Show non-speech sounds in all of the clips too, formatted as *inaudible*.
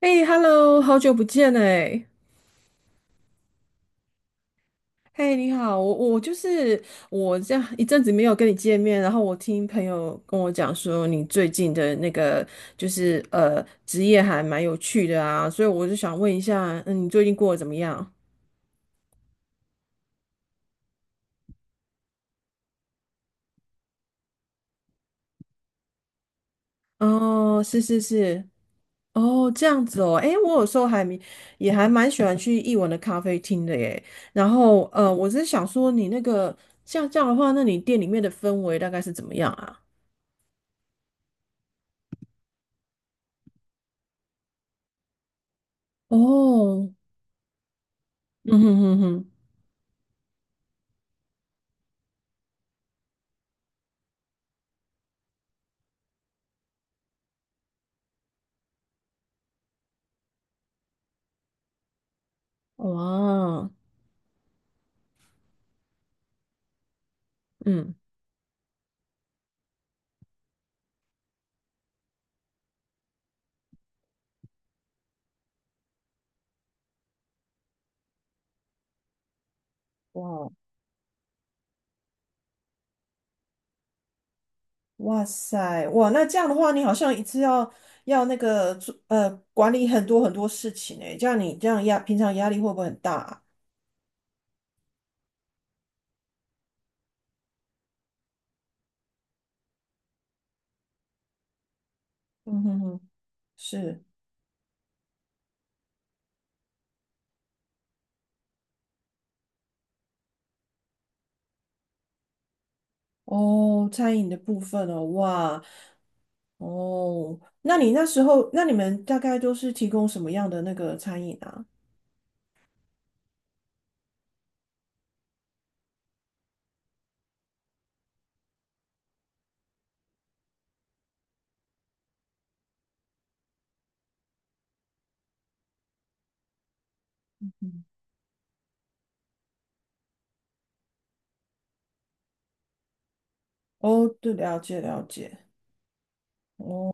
哎，Hello，好久不见哎！嘿，你好，我就是我这样一阵子没有跟你见面，然后我听朋友跟我讲说你最近的那个就是职业还蛮有趣的啊，所以我就想问一下，你最近过得怎么样？哦，是是是，哦，这样子哦，哎，我有时候还蛮喜欢去艺文的咖啡厅的耶。然后我只是想说你那个像这样的话，那你店里面的氛围大概是怎么样啊？哦。嗯哼哼哼，哇，嗯，哇，哇塞，哇，那这样的话，你好像一次要那个做管理很多很多事情诶，这样你这样平常压力会不会很大啊。嗯哼哼，是。哦，餐饮的部分哦，哇。哦，那你那时候那你们大概都是提供什么样的那个餐饮啊？哦，对，了解了解，哦。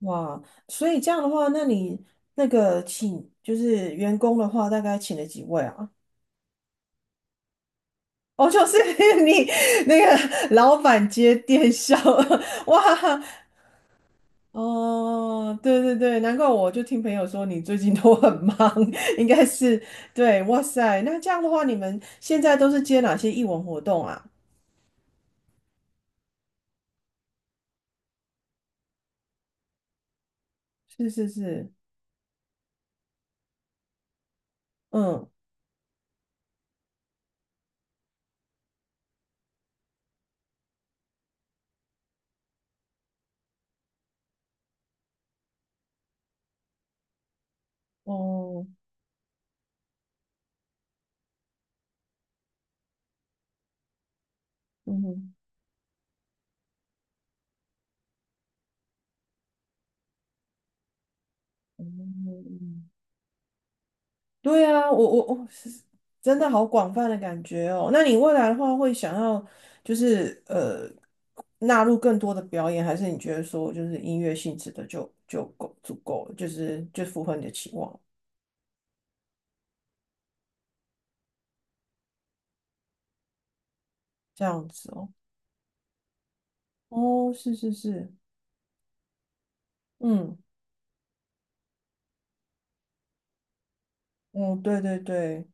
哇，所以这样的话，那你那个请就是员工的话，大概请了几位啊？哦，就是 *laughs* 你那个老板接电销，*laughs* 哇，哦，对对对，难怪我就听朋友说你最近都很忙，*laughs* 应该是对，哇塞，那这样的话，你们现在都是接哪些艺文活动啊？是是是，嗯，哦，嗯哼，嗯，对啊，我真的好广泛的感觉哦。那你未来的话，会想要就是纳入更多的表演，还是你觉得说就是音乐性质的就就够足够了，就是符合你的期望这样子哦？哦，是是是，嗯嗯，对对对。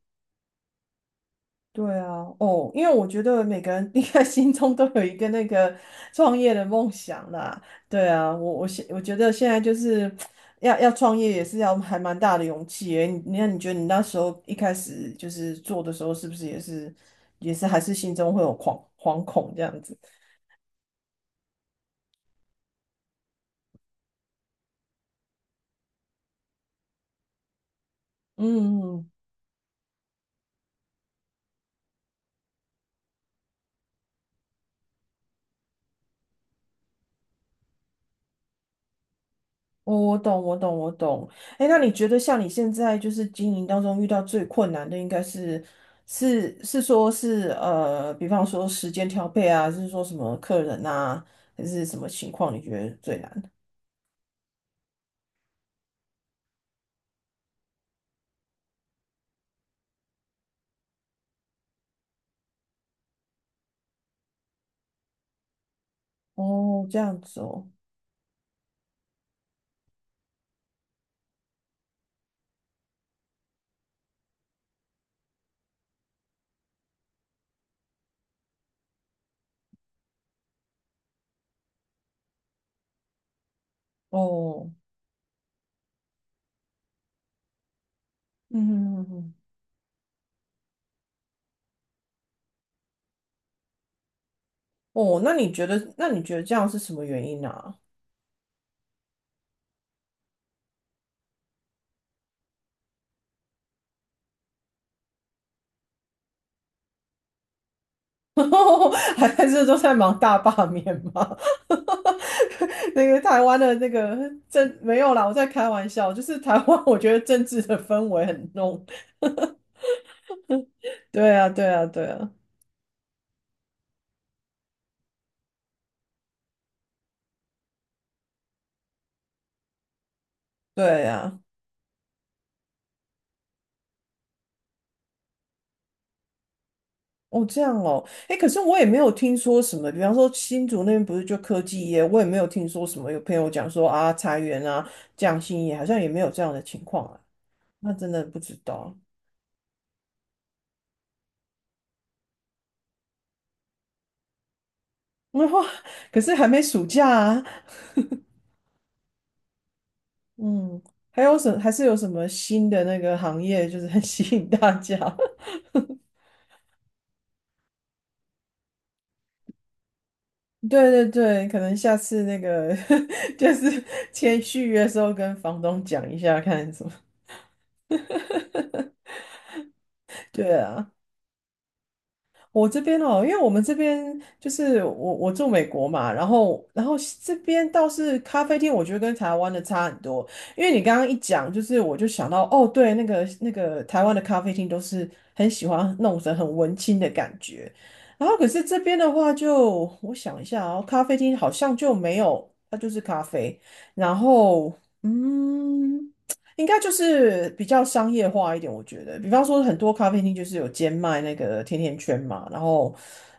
对啊，哦，因为我觉得每个人 *laughs* 应该心中都有一个那个创业的梦想啦。对啊，我觉得现在就是要创业也是要还蛮大的勇气诶。你觉得你那时候一开始就是做的时候，是不是也是还是心中会有惶恐这样子？嗯嗯嗯，我懂，我懂，我懂。哎，那你觉得像你现在就是经营当中遇到最困难的，应该是是是说是，比方说时间调配啊，还是说什么客人啊，还是什么情况你觉得最难？哦，这样子哦，哦，嗯哼哼哼，哦，那你觉得这样是什么原因呢？*laughs* 还是都在忙大罢免吗？*laughs* 那个台湾的那个没有啦，我在开玩笑，就是台湾，我觉得政治的氛围很浓。对啊，对啊，对啊，对啊。哦，这样哦，哎，可是我也没有听说什么，比方说新竹那边不是就科技业，我也没有听说什么有朋友讲说啊，裁员啊，降薪也好像也没有这样的情况啊，那真的不知道。*laughs* 可是还没暑假啊。嗯，还是有什么新的那个行业，就是很 *laughs* 吸引大家？*laughs* 对对对，可能下次那个 *laughs* 就是签续约的时候跟房东讲一下，看什么。*laughs* 对啊。我这边哦，因为我们这边就是我住美国嘛，然后这边倒是咖啡厅，我觉得跟台湾的差很多。因为你刚刚一讲，就是我就想到哦，对，那个台湾的咖啡厅都是很喜欢弄成很文青的感觉，然后可是这边的话就，我想一下哦，咖啡厅好像就没有，它就是咖啡，然后嗯。应该就是比较商业化一点，我觉得，比方说很多咖啡厅就是有兼卖那个甜甜圈嘛，然后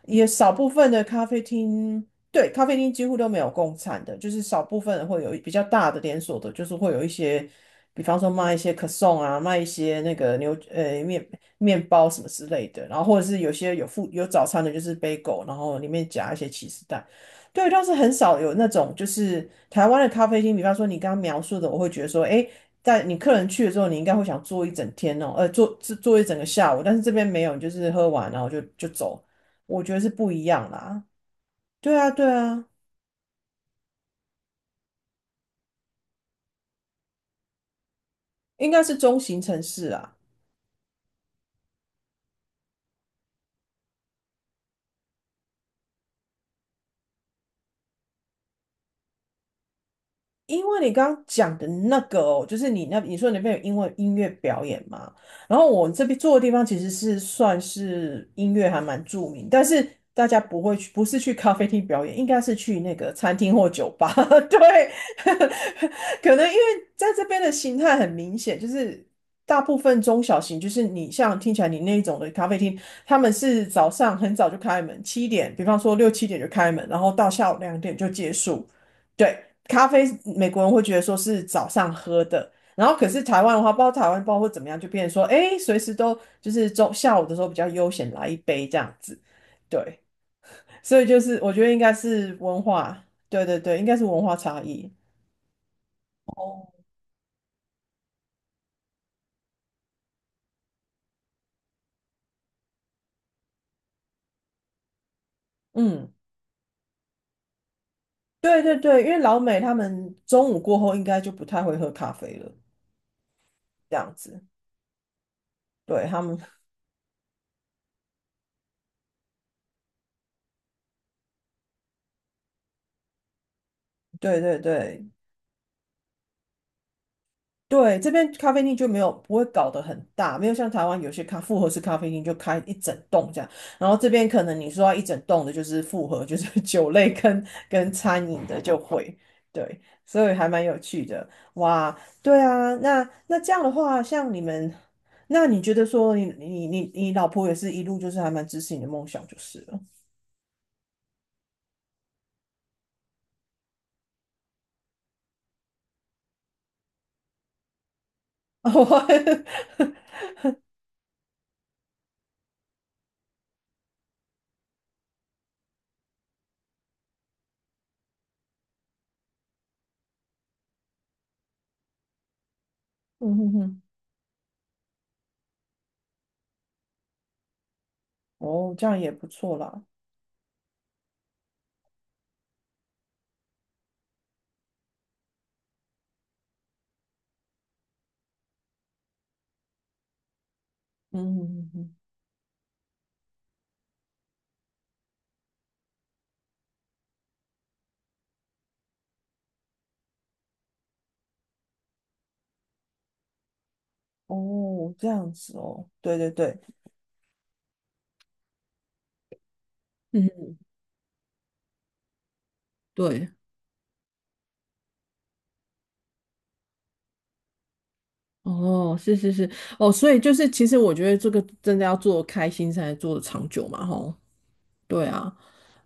也少部分的咖啡厅，对，咖啡厅几乎都没有供餐的，就是少部分会有比较大的连锁的，就是会有一些，比方说卖一些可颂啊，卖一些那个面包什么之类的，然后或者是有些有附有早餐的，就是 b 狗，然后里面夹一些起司蛋。对，倒是很少有那种，就是台湾的咖啡厅，比方说你刚刚描述的，我会觉得说，诶，在你客人去了之后，你应该会想坐一整天哦，坐一整个下午，但是这边没有，你就是喝完然后就走，我觉得是不一样啦。对啊，对啊，应该是中型城市啊。因为你刚刚讲的那个哦，就是你说你那边有英文音乐表演嘛，然后我这边住的地方其实是算是音乐还蛮著名，但是大家不会去，不是去咖啡厅表演，应该是去那个餐厅或酒吧。*laughs* 对，*laughs* 可能因为在这边的形态很明显，就是大部分中小型，就是你像听起来你那种的咖啡厅，他们是早上很早就开门，七点，比方说6、7点就开门，然后到下午2点就结束。对，咖啡美国人会觉得说是早上喝的，然后可是台湾的话，不知道台湾包括怎么样，就变成说，哎，随时都就是中下午的时候比较悠闲来一杯这样子，对，所以就是我觉得应该是文化，对对对，应该是文化差异，哦，嗯，对对对，因为老美他们中午过后应该就不太会喝咖啡了，这样子，对他们，对对对，对，这边咖啡厅就没有不会搞得很大，没有像台湾有些复合式咖啡厅就开一整栋这样，然后这边可能你说要一整栋的就是复合，就是 *laughs* 酒类跟餐饮的就会，对，所以还蛮有趣的，哇，对啊，那这样的话，像你们，那你觉得说你老婆也是一路就是还蛮支持你的梦想就是了，*laughs* 嗯哼哼，哦，这样也不错啦。嗯嗯嗯，哦，这样子哦，对对对，嗯，对，哦，是是是，哦，所以就是，其实我觉得这个真的要做开心才能做得长久嘛，吼。对啊，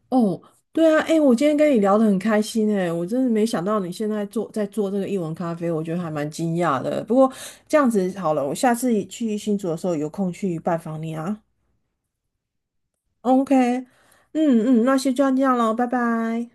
哦，对啊，哎，我今天跟你聊得很开心哎，我真的没想到你现在在做这个译文咖啡，我觉得还蛮惊讶的。不过这样子好了，我下次去新竹的时候有空去拜访你啊。OK,嗯嗯，那先就这样咯，拜拜。